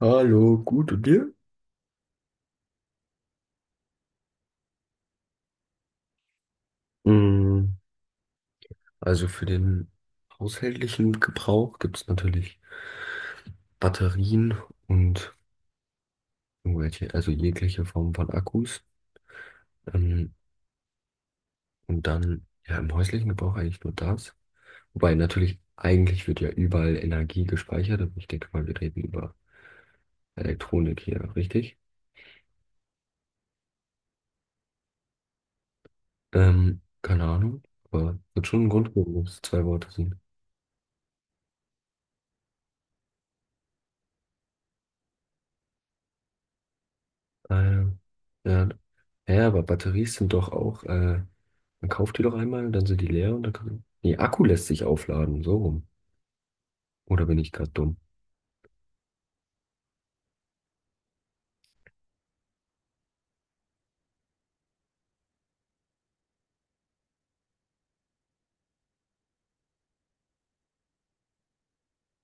Hallo, gut und dir? Mm, also für den haushältlichen Gebrauch gibt es natürlich Batterien und irgendwelche, also jegliche Form von Akkus. Ähm, und dann ja im häuslichen Gebrauch eigentlich nur das. Wobei natürlich, eigentlich wird ja überall Energie gespeichert, aber ich denke mal, wir reden über Elektronik hier, richtig? Keine Ahnung, aber wird schon einen Grund geben, dass es zwei Worte sind. Ähm, ja, ja, aber Batterien sind doch auch, man kauft die doch einmal, dann sind die leer und dann kann, nee, Akku lässt sich aufladen, so rum. Oder bin ich gerade dumm?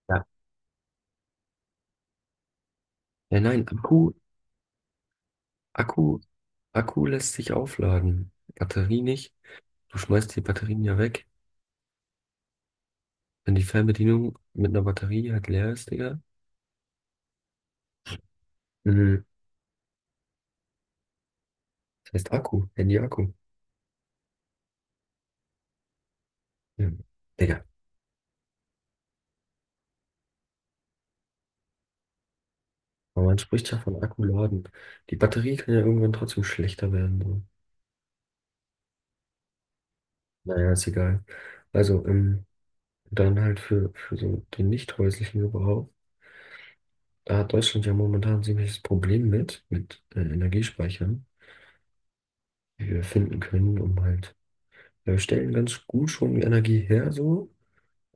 Ja. Ja, nein, Akku, Akku, Akku lässt sich aufladen. Batterie nicht. Du schmeißt die Batterien ja weg. Wenn die Fernbedienung mit einer Batterie halt leer ist, Digga. Mhm. Das heißt Akku, Handy-Akku. Ja. Digga, aber man spricht ja von Akku laden. Die Batterie kann ja irgendwann trotzdem schlechter werden. So. Naja, ist egal. Also, dann halt für so den nicht häuslichen Gebrauch. Da hat Deutschland ja momentan ein ziemliches Problem mit Energiespeichern, die wir finden können, um halt, ja, wir stellen ganz gut schon die Energie her, so,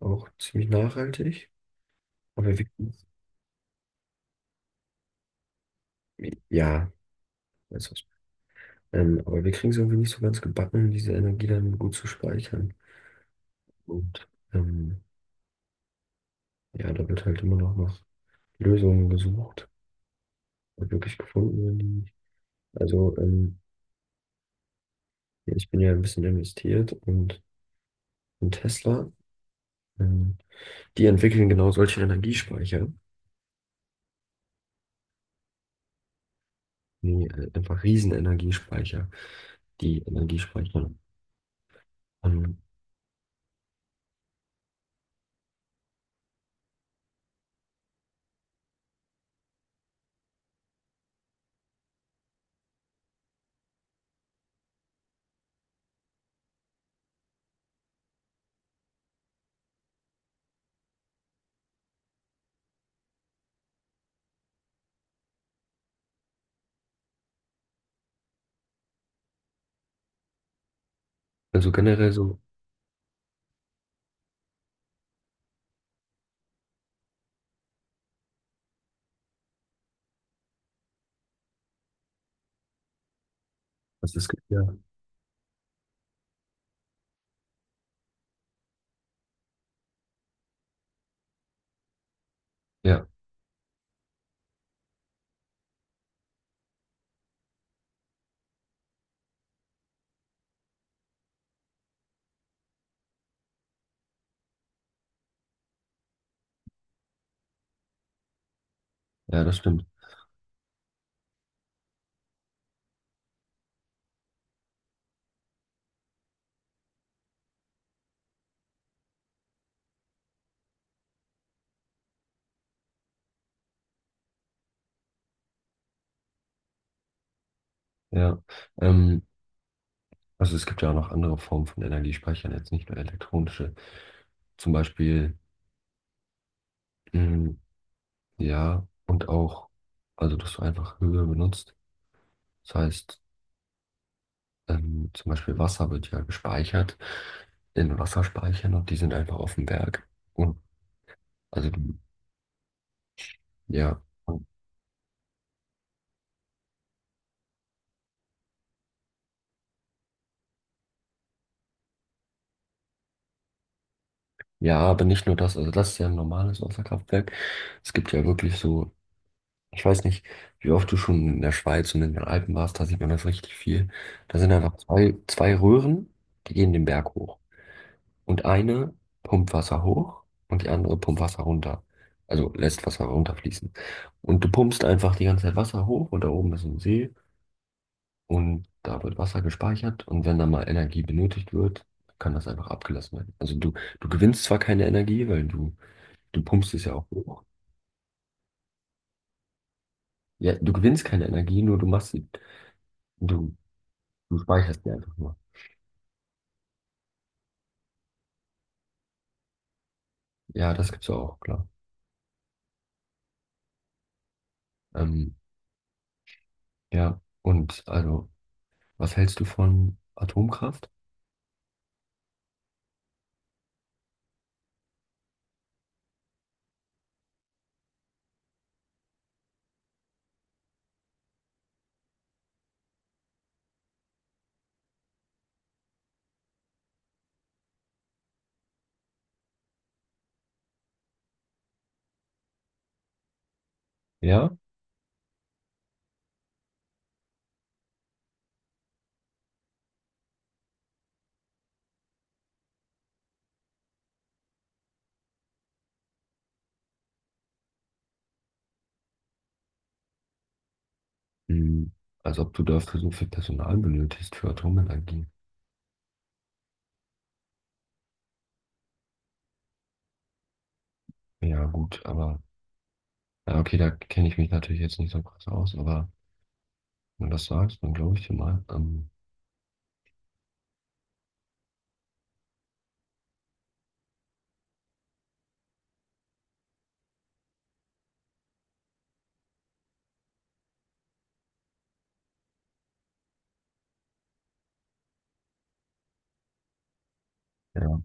auch ziemlich nachhaltig. Aber wir, ja, weiß was. Aber wir kriegen es irgendwie nicht so ganz gebacken, diese Energie dann gut zu speichern. Und ja, da wird halt immer noch nach Lösungen gesucht, ob wirklich gefunden werden. Also, ja, ich bin ja ein bisschen investiert und und Tesla, ähm, die entwickeln genau solche Energiespeicher, wie einfach Riesenenergiespeicher, die Energie speichern. Ähm, also generell so, also es gibt ja, ja, ja, das stimmt. Ja, ähm, also es gibt ja auch noch andere Formen von Energiespeichern, jetzt nicht nur elektronische. Zum Beispiel, mh, ja, und auch, also dass du einfach Höhe benutzt. Das heißt, zum Beispiel Wasser wird ja gespeichert in Wasserspeichern und die sind einfach auf dem Berg. Und also, ja. Ja, aber nicht nur das. Also, das ist ja ein normales Wasserkraftwerk. Es gibt ja wirklich so, ich weiß nicht, wie oft du schon in der Schweiz und in den Alpen warst, da sieht man das richtig viel. Da sind einfach zwei Röhren, die gehen den Berg hoch. Und eine pumpt Wasser hoch und die andere pumpt Wasser runter. Also lässt Wasser runterfließen. Und du pumpst einfach die ganze Zeit Wasser hoch und da oben ist so ein See. Und da wird Wasser gespeichert und wenn da mal Energie benötigt wird, kann das einfach abgelassen werden. Also du gewinnst zwar keine Energie, weil du pumpst es ja auch hoch. Ja, du gewinnst keine Energie, nur du machst sie, du, du speicherst die einfach nur. Ja, das gibt's ja auch, klar. Ähm, ja, und also, was hältst du von Atomkraft? Ja? Hm, als ob du dafür so viel Personal benötigst für Atomenergie. Ja, gut, aber, ja, okay, da kenne ich mich natürlich jetzt nicht so krass aus, aber. Wenn du das sagst, dann glaube ich dir mal. Ja.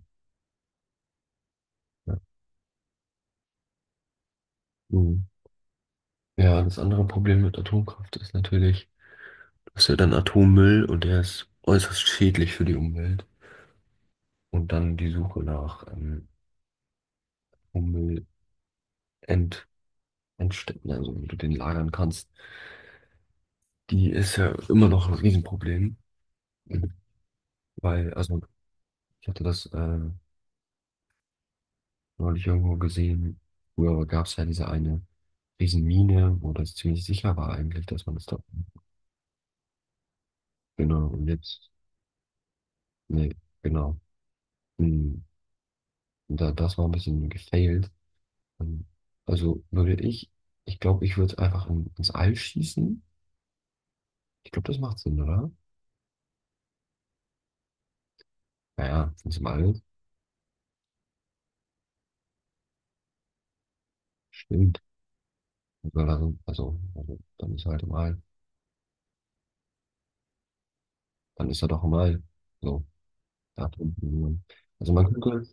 Ja. Mhm. Ja, das andere Problem mit Atomkraft ist natürlich, du hast ja dann Atommüll und der ist äußerst schädlich für die Umwelt. Und dann die Suche nach Atommüll-End- Endstätten, also wo du den lagern kannst, die ist ja immer noch ein Riesenproblem. Mhm. Weil, also ich hatte das neulich irgendwo gesehen, früher gab es ja diese eine Riesenmine, wo das ziemlich sicher war eigentlich, dass man es das da. Genau, und jetzt, nee, genau. Hm, da, das war ein bisschen gefailt. Ähm, Also würde ich, ich glaube, ich würde einfach in, ins All schießen. Ich glaube, das macht Sinn, oder? Naja, ins All. Stimmt. Weil er so- also, dann ist er halt im All. Dann ist er doch im All. So, da drunten. Also man könnte,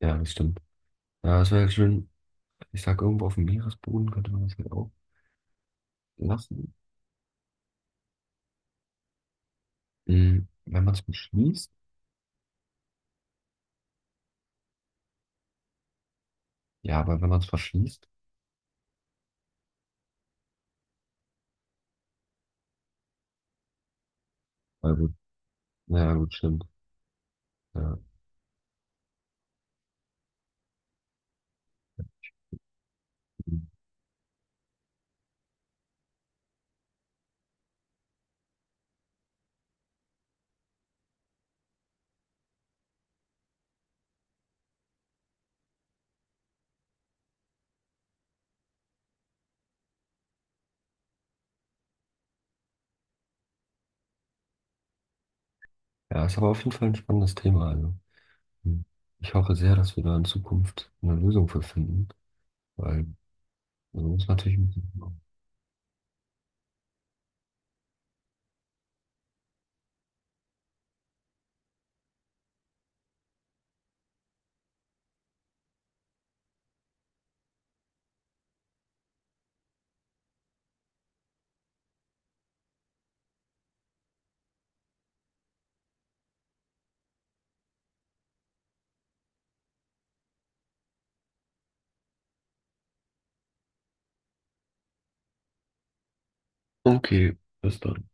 ja, das stimmt. Ja, das wäre halt schön. Ich sag, irgendwo auf dem Meeresboden könnte man das halt auch lassen. Hm, wenn man es beschließt. Ja, aber wenn man es verschließt, weil gut, naja, gut, stimmt. Ja. Hm. Ja, ist aber auf jeden Fall ein spannendes Thema. Also. Hm. Ich hoffe sehr, dass wir da in Zukunft eine Lösung für finden, weil so ist natürlich ein bisschen. Okay, bis dann.